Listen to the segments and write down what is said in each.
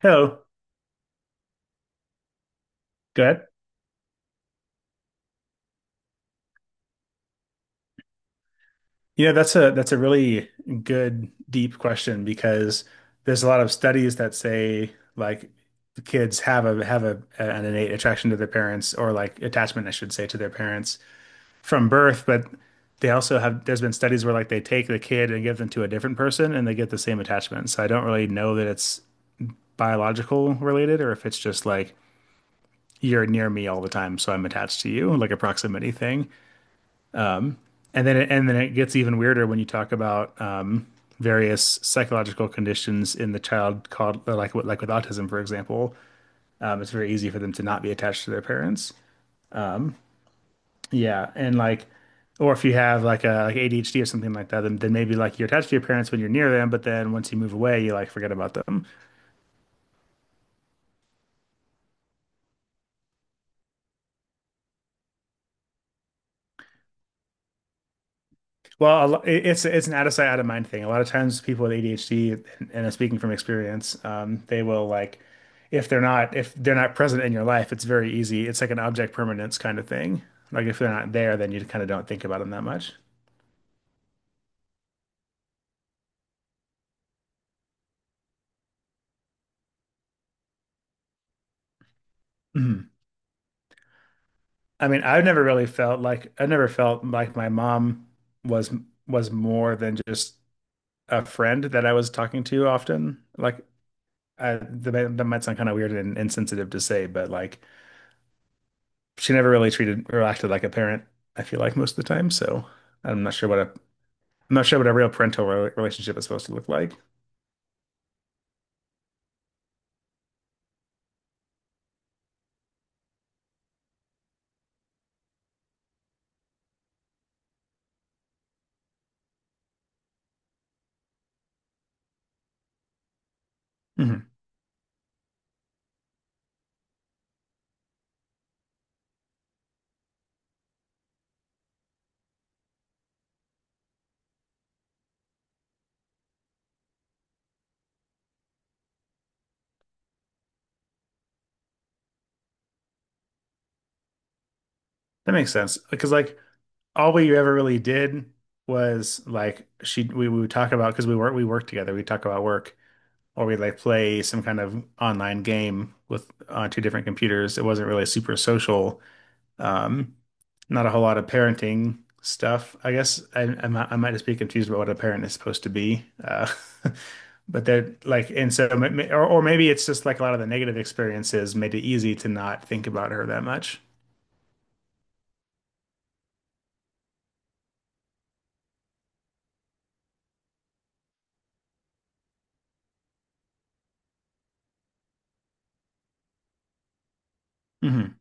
Hello. Go ahead. That's a really good deep question because there's a lot of studies that say like the kids have a an innate attraction to their parents or like attachment, I should say, to their parents from birth, but they also have there's been studies where like they take the kid and give them to a different person and they get the same attachment. So I don't really know that it's biological related or if it's just like you're near me all the time, so I'm attached to you, like a proximity thing. And then it gets even weirder when you talk about various psychological conditions in the child called like with autism, for example. It's very easy for them to not be attached to their parents. Yeah, and or if you have like ADHD or something like that, then maybe like you're attached to your parents when you're near them, but then once you move away, you like forget about them. Well, it's an out of sight, out of mind thing. A lot of times, people with ADHD, and I'm speaking from experience, they will if they're not present in your life, it's very easy. It's like an object permanence kind of thing. Like if they're not there, then you kind of don't think about them that much. Mhm. I mean, I've never really felt like I never felt like my mom was was more than just a friend that I was talking to often. Like that might sound kind of weird and insensitive to say, but like, she never really treated or acted like a parent, I feel like most of the time. So I'm not sure what a I'm not sure what a real relationship is supposed to look like. Hmm. That makes sense because like all we ever really did was like we would talk about because we worked together. We talk about work or we like play some kind of online game with on two different computers. It wasn't really super social. Um, Not a whole lot of parenting stuff. I guess I might just be confused about what a parent is supposed to be. But they're and so, or maybe it's just like a lot of the negative experiences made it easy to not think about her that much. Hmm.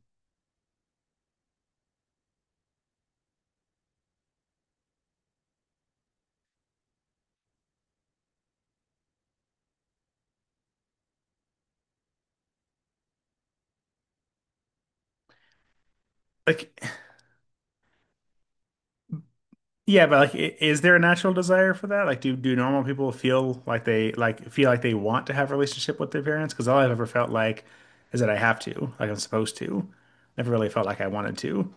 Like, yeah, but I- is there a natural desire for that? Like, do normal people feel like they want to have a relationship with their parents? Because all I've ever felt like is that I have to, like I'm supposed to. Never really felt like I wanted to.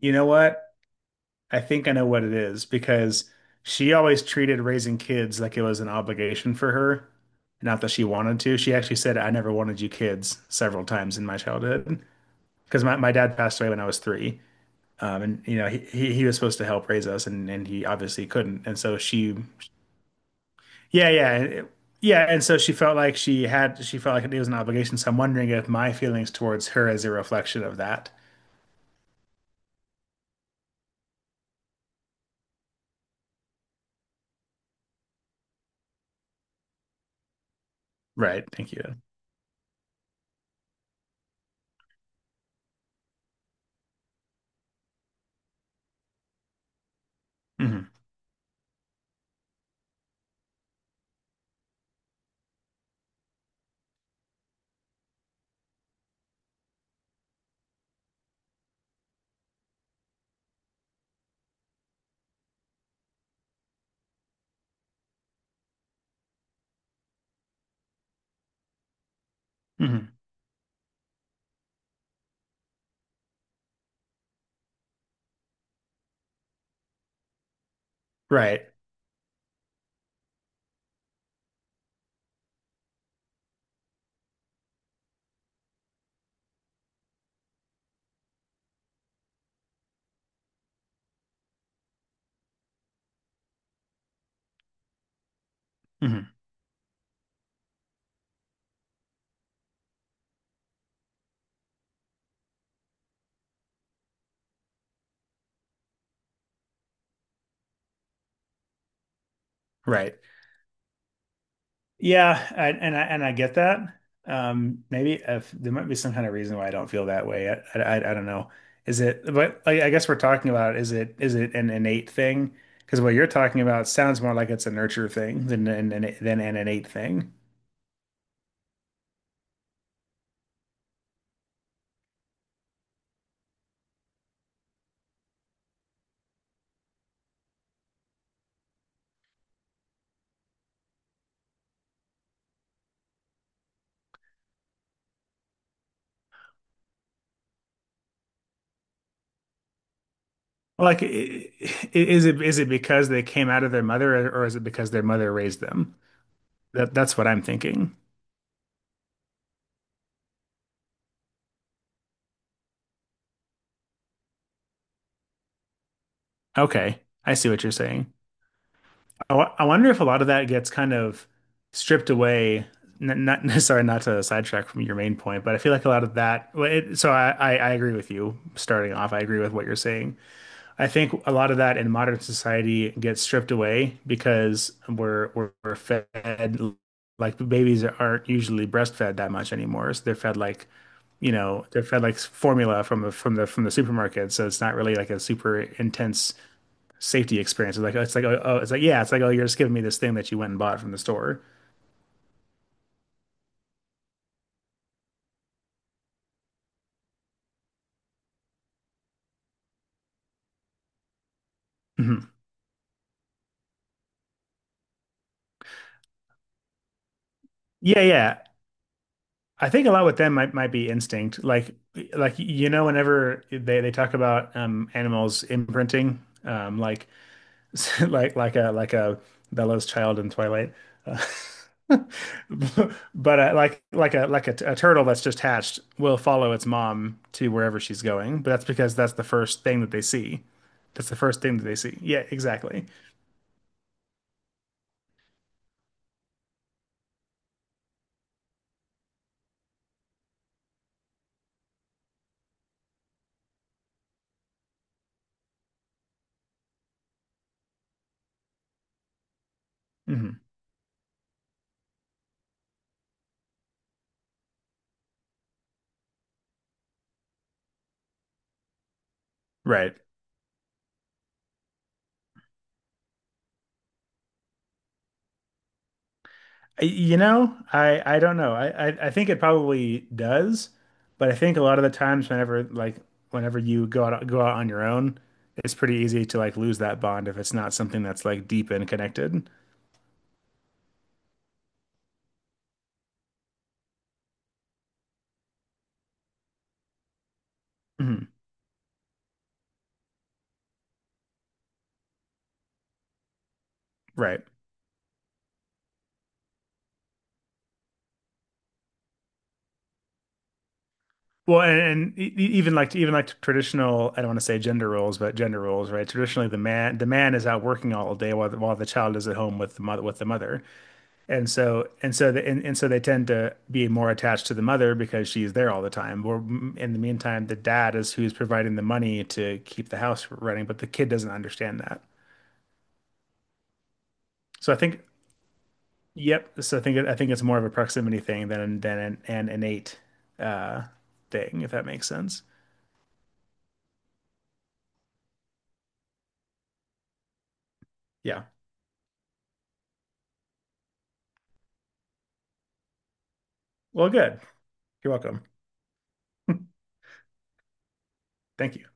You know what? I think I know what it is because she always treated raising kids like it was an obligation for her, not that she wanted to. She actually said, I never wanted you kids several times in my childhood because my dad passed away when I was three. And you know, he was supposed to help raise us and he obviously couldn't. And so she, yeah, yeah, and so she felt like it was an obligation. So I'm wondering if my feelings towards her is a reflection of that. Right. Thank you. Hmm. Hmm. Right. Hmm. Right. Yeah, I, and I and I get that. Maybe if there might be some kind of reason why I don't feel that way. I don't know. Is it? But I guess we're talking about is it an innate thing? Because what you're talking about sounds more like it's a nurture thing than an innate thing. Like, is it because they came out of their mother, or is it because their mother raised them? That that's what I'm thinking. Okay, I see what you're saying. I wonder if a lot of that gets kind of stripped away. N not Sorry, not to sidetrack from your main point, but I feel like a lot of that. I agree with you. Starting off, I agree with what you're saying. I think a lot of that in modern society gets stripped away because we're fed like babies aren't usually breastfed that much anymore. So they're fed like you know they're fed like formula from the supermarket. So it's not really like a super intense safety experiences. Like it's like oh, oh it's like yeah, it's like oh you're just giving me this thing that you went and bought from the store. Hmm. Yeah, yeah. I think a lot with them might be instinct. Like you know whenever they talk about animals imprinting like like like a Bella's child in Twilight. Uh, But a turtle that's just hatched will follow its mom to wherever she's going, but that's because that's the first thing that they see. That's the first thing that they see. Yeah, exactly. Mhm. Right. You know, I don't know. I think it probably does, but I think a lot of the times whenever like whenever you go out on your own, it's pretty easy to like lose that bond if it's not something that's like deep and connected. Mhm. Right. Well, even like traditional, I don't want to say gender roles, but gender roles, right? Traditionally, the man is out working all day while while the child is at home with the mother with the mother. And so and so they tend to be more attached to the mother because she's there all the time. Or in the meantime, the dad is who's providing the money to keep the house running, but the kid doesn't understand that. So I think yep. So I think it's more of a proximity thing than an innate uh, thing, if that makes sense. Yeah. Well, good. You're welcome. Thank you.